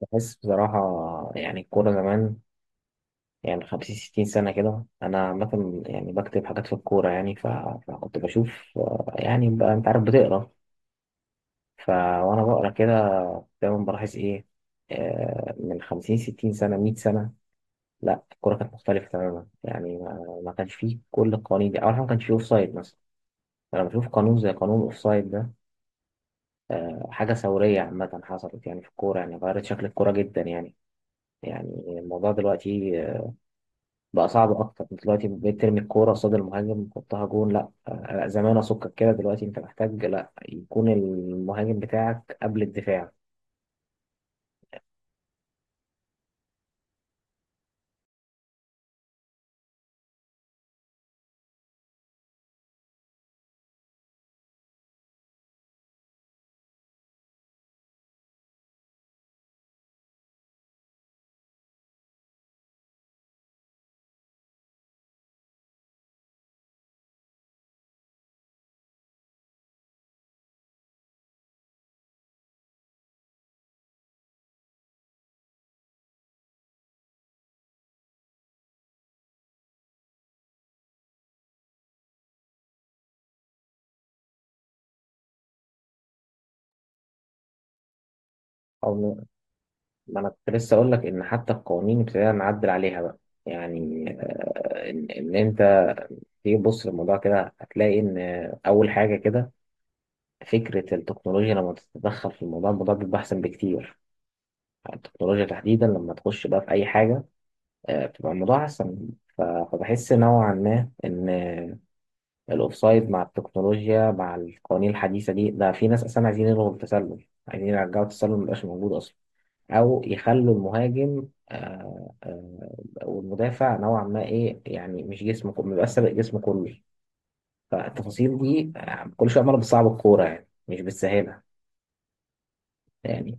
بحس بصراحة. يعني الكورة زمان، يعني خمسين ستين سنة كده، أنا عامة يعني بكتب حاجات في الكورة، يعني فكنت بشوف. يعني بقى أنت عارف بتقرا. وأنا بقرا كده دايما بلاحظ إيه؟ من خمسين ستين سنة مية سنة، لا الكورة كانت مختلفة تماما. يعني ما كانش فيه كل القوانين دي. أول حاجة ما كانش فيه أوفسايد مثلا. أنا بشوف قانون زي قانون الأوفسايد ده حاجة ثورية عامة حصلت يعني في الكورة، يعني غيرت شكل الكورة جدا يعني. يعني الموضوع دلوقتي بقى صعب اكتر. دلوقتي بقيت ترمي الكوره قصاد المهاجم تحطها جون؟ لا. زمان اسكك كده. دلوقتي انت محتاج لا يكون المهاجم بتاعك قبل الدفاع. او ن- ما انا كنت لسه اقول لك ان حتى القوانين ابتدينا نعدل عليها بقى. يعني إن انت تيجي تبص للموضوع كده، هتلاقي ان اول حاجه كده فكره التكنولوجيا لما تتدخل في الموضوع، الموضوع بيبقى احسن بكتير. يعني التكنولوجيا تحديدا لما تخش بقى في اي حاجه، بتبقى الموضوع احسن. فبحس نوعا ما ان الاوفسايد مع التكنولوجيا مع القوانين الحديثه دي، ده في ناس اصلا عايزين يلغوا التسلل، عايزين يرجعوا التسلل ميبقاش موجود اصلا. او يخلوا المهاجم والمدافع نوعا ما ايه، يعني مش جسمه كله، ميبقاش سابق جسمه كله. فالتفاصيل دي كل شويه عماله بتصعب الكوره، يعني مش بتسهلها يعني.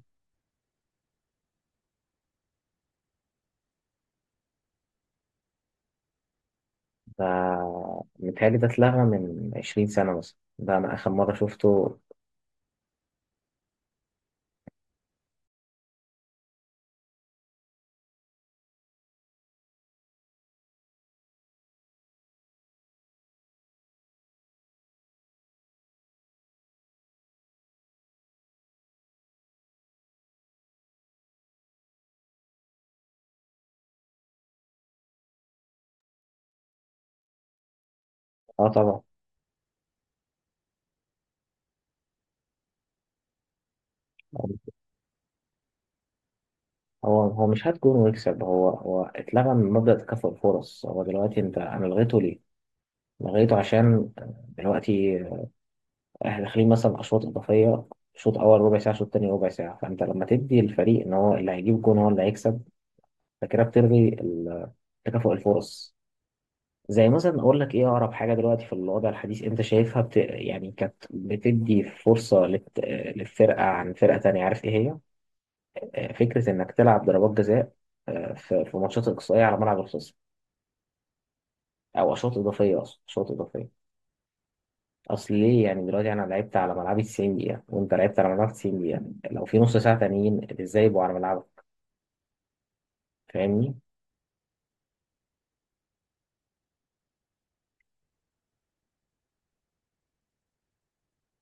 فمتهيألي ده اتلغى من 20 سنه مثلا، ده انا اخر مره شفته. اه طبعا. هو مش هات جون ويكسب. هو اتلغى من مبدأ تكافؤ الفرص. هو دلوقتي انا لغيته ليه؟ لغيته عشان دلوقتي احنا داخلين مثلا اشواط اضافيه. شوط اول ربع ساعه، شوط تاني ربع ساعه. فانت لما تدي الفريق ان هو اللي هيجيب جون هو اللي هيكسب، فكده بتلغي تكافؤ الفرص. زي مثلا اقول لك ايه اقرب حاجه دلوقتي في الوضع الحديث انت شايفها يعني كانت بتدي فرصه للفرقه عن فرقه تانيه، عارف ايه هي؟ فكره انك تلعب ضربات جزاء في ماتشات اقصائيه على ملعب الخصم، او اشواط اضافيه. اصلا اشواط اضافيه، اصل ليه؟ يعني دلوقتي انا لعبت على ملعبي 90 دقيقه وانت لعبت على ملعبك 90 دقيقه، لو في نص ساعه تانيين ازاي يبقوا على ملعبك؟ فاهمني؟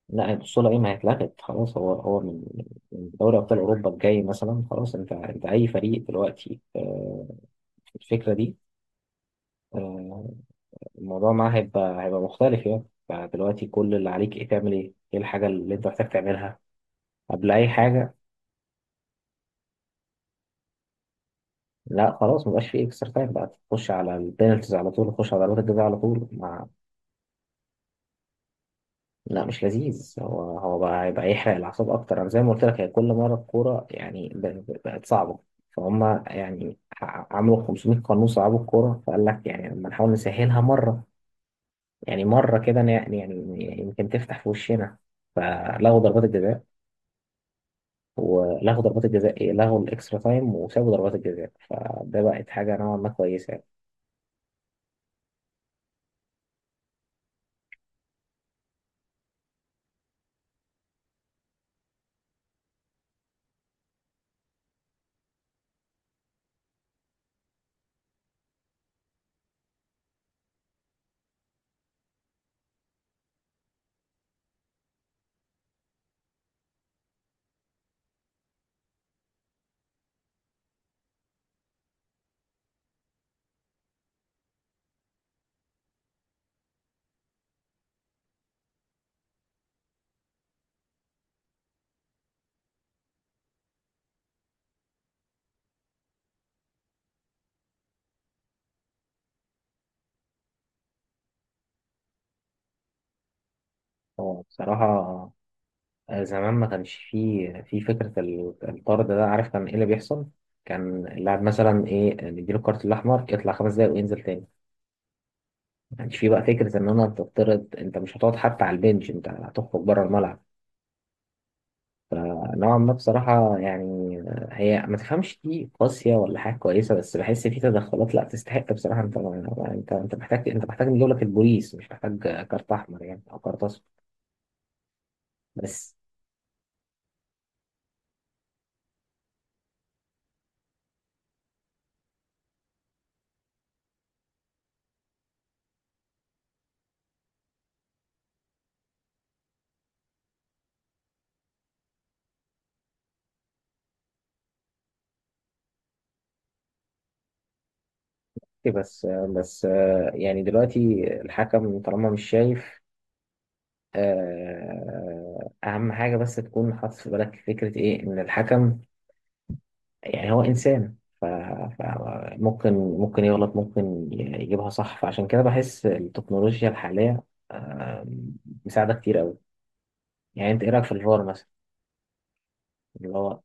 لا البطوله ايه ما هيتلغت خلاص. هو من من دوري ابطال اوروبا الجاي مثلا خلاص. انت اي فريق دلوقتي الفكره دي آه، الموضوع معاه هيبقى مختلف يعني. فدلوقتي كل اللي عليك ايه، تعمل ايه؟ ايه الحاجه اللي انت محتاج تعملها قبل اي حاجه؟ لا خلاص مبقاش فيه اكسترا تايم بقى. تخش على البينالتيز على طول، تخش على ضربات الجزاء على طول ما. لا مش لذيذ. هو بقى هيبقى يحرق الاعصاب اكتر. انا زي ما قلت لك، هي كل مره الكوره يعني بقت صعبه. فهم يعني عملوا 500 قانون صعبوا الكوره، فقال لك يعني لما نحاول نسهلها مره. يعني مره كده يعني يعني يمكن تفتح في وشنا. فلغوا ضربات الجزاء. ولغوا ضربات الجزاء ايه، لغوا الاكسترا تايم وسابوا ضربات الجزاء، فده بقت حاجه نوعا ما كويسه يعني. هو بصراحه زمان ما كانش فيه في فكرة الطرد ده، عارف كان ايه اللي بيحصل؟ كان اللاعب مثلا ايه، نديله الكارت الأحمر يطلع خمس دقايق وينزل تاني. ما كانش فيه بقى فكرة إن أنا تطرد أنت مش هتقعد حتى على البنش، أنت هتخرج بره الملعب. نوعا ما بصراحة يعني، هي ما تفهمش دي قاسية ولا حاجة كويسة، بس بحس في تدخلات لا تستحق بصراحة. أنت ما- أنت محتاج، نجيب لك البوليس، مش محتاج كارت أحمر يعني أو كارت أصفر. بس بس بس يعني دلوقتي الحكم طالما مش شايف، أهم حاجة بس تكون حاطط في بالك فكرة إيه، إن الحكم يعني هو إنسان. ف- فممكن يغلط، ممكن يجيبها صح. فعشان كده بحس التكنولوجيا الحالية آه، مساعدة كتير أوي. يعني أنت إيه رأيك في الفار مثلا، اللي هو...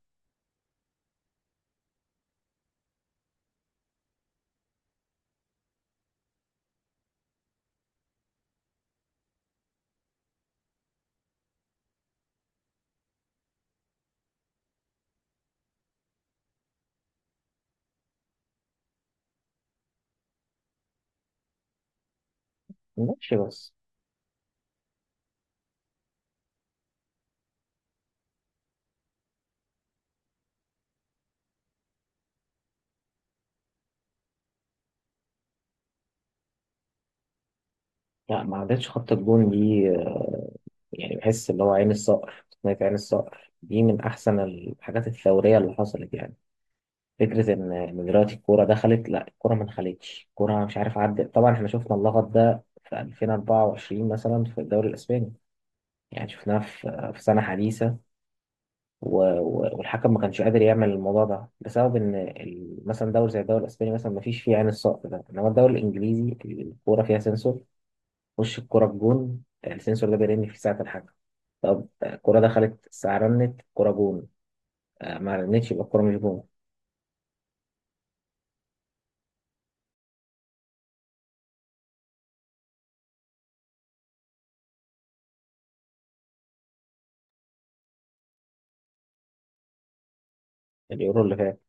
ماشي بس. لا ما عدتش خط الجون دي يعني بحس اللي هو عين الصقر، تقنية عين الصقر دي من أحسن الحاجات الثورية اللي حصلت يعني. فكرة إن دلوقتي الكورة دخلت. لا الكورة ما دخلتش، الكورة مش عارف عدت. طبعا إحنا شفنا اللغط ده في 2024 مثلا في الدوري الإسباني، يعني شفناه في سنة حديثة. والحكم ما كانش قادر يعمل الموضوع ده بسبب إن مثلا دوري زي الدوري الإسباني مثلا ما فيش فيه عين الصقر ده. إنما الدوري الإنجليزي الكورة فيها سنسور. وش الكورة بجون السنسور ده بيرن في ساعة الحكم. طب الكورة دخلت الساعة رنت، الكورة جون. ما رنتش يبقى الكورة مش جون. اليورو اللي فات.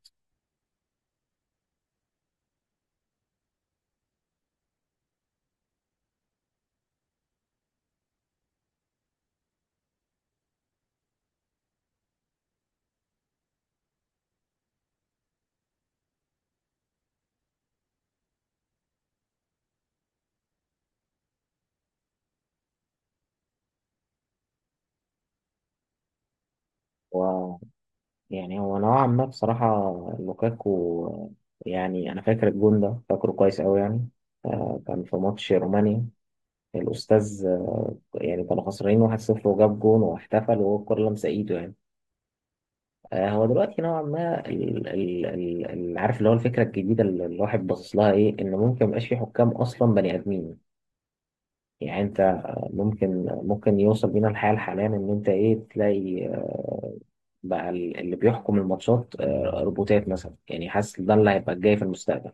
و... يعني هو نوعا ما بصراحة، لوكاكو، يعني أنا فاكر الجون ده، فاكره كويس أوي يعني. كان في ماتش رومانيا الأستاذ يعني كانوا خسرانين 1-0 وجاب جون واحتفل، وهو الكورة لمسة إيده يعني. هو دلوقتي نوعا ما عارف اللي هو الفكرة الجديدة اللي الواحد باصص لها إيه، إن ممكن ميبقاش في حكام أصلا بني آدمين. يعني أنت ممكن يوصل بينا الحال حاليا إن أنت إيه تلاقي بقى اللي بيحكم الماتشات روبوتات مثلا، يعني حاسس ده اللي هيبقى الجاي في المستقبل.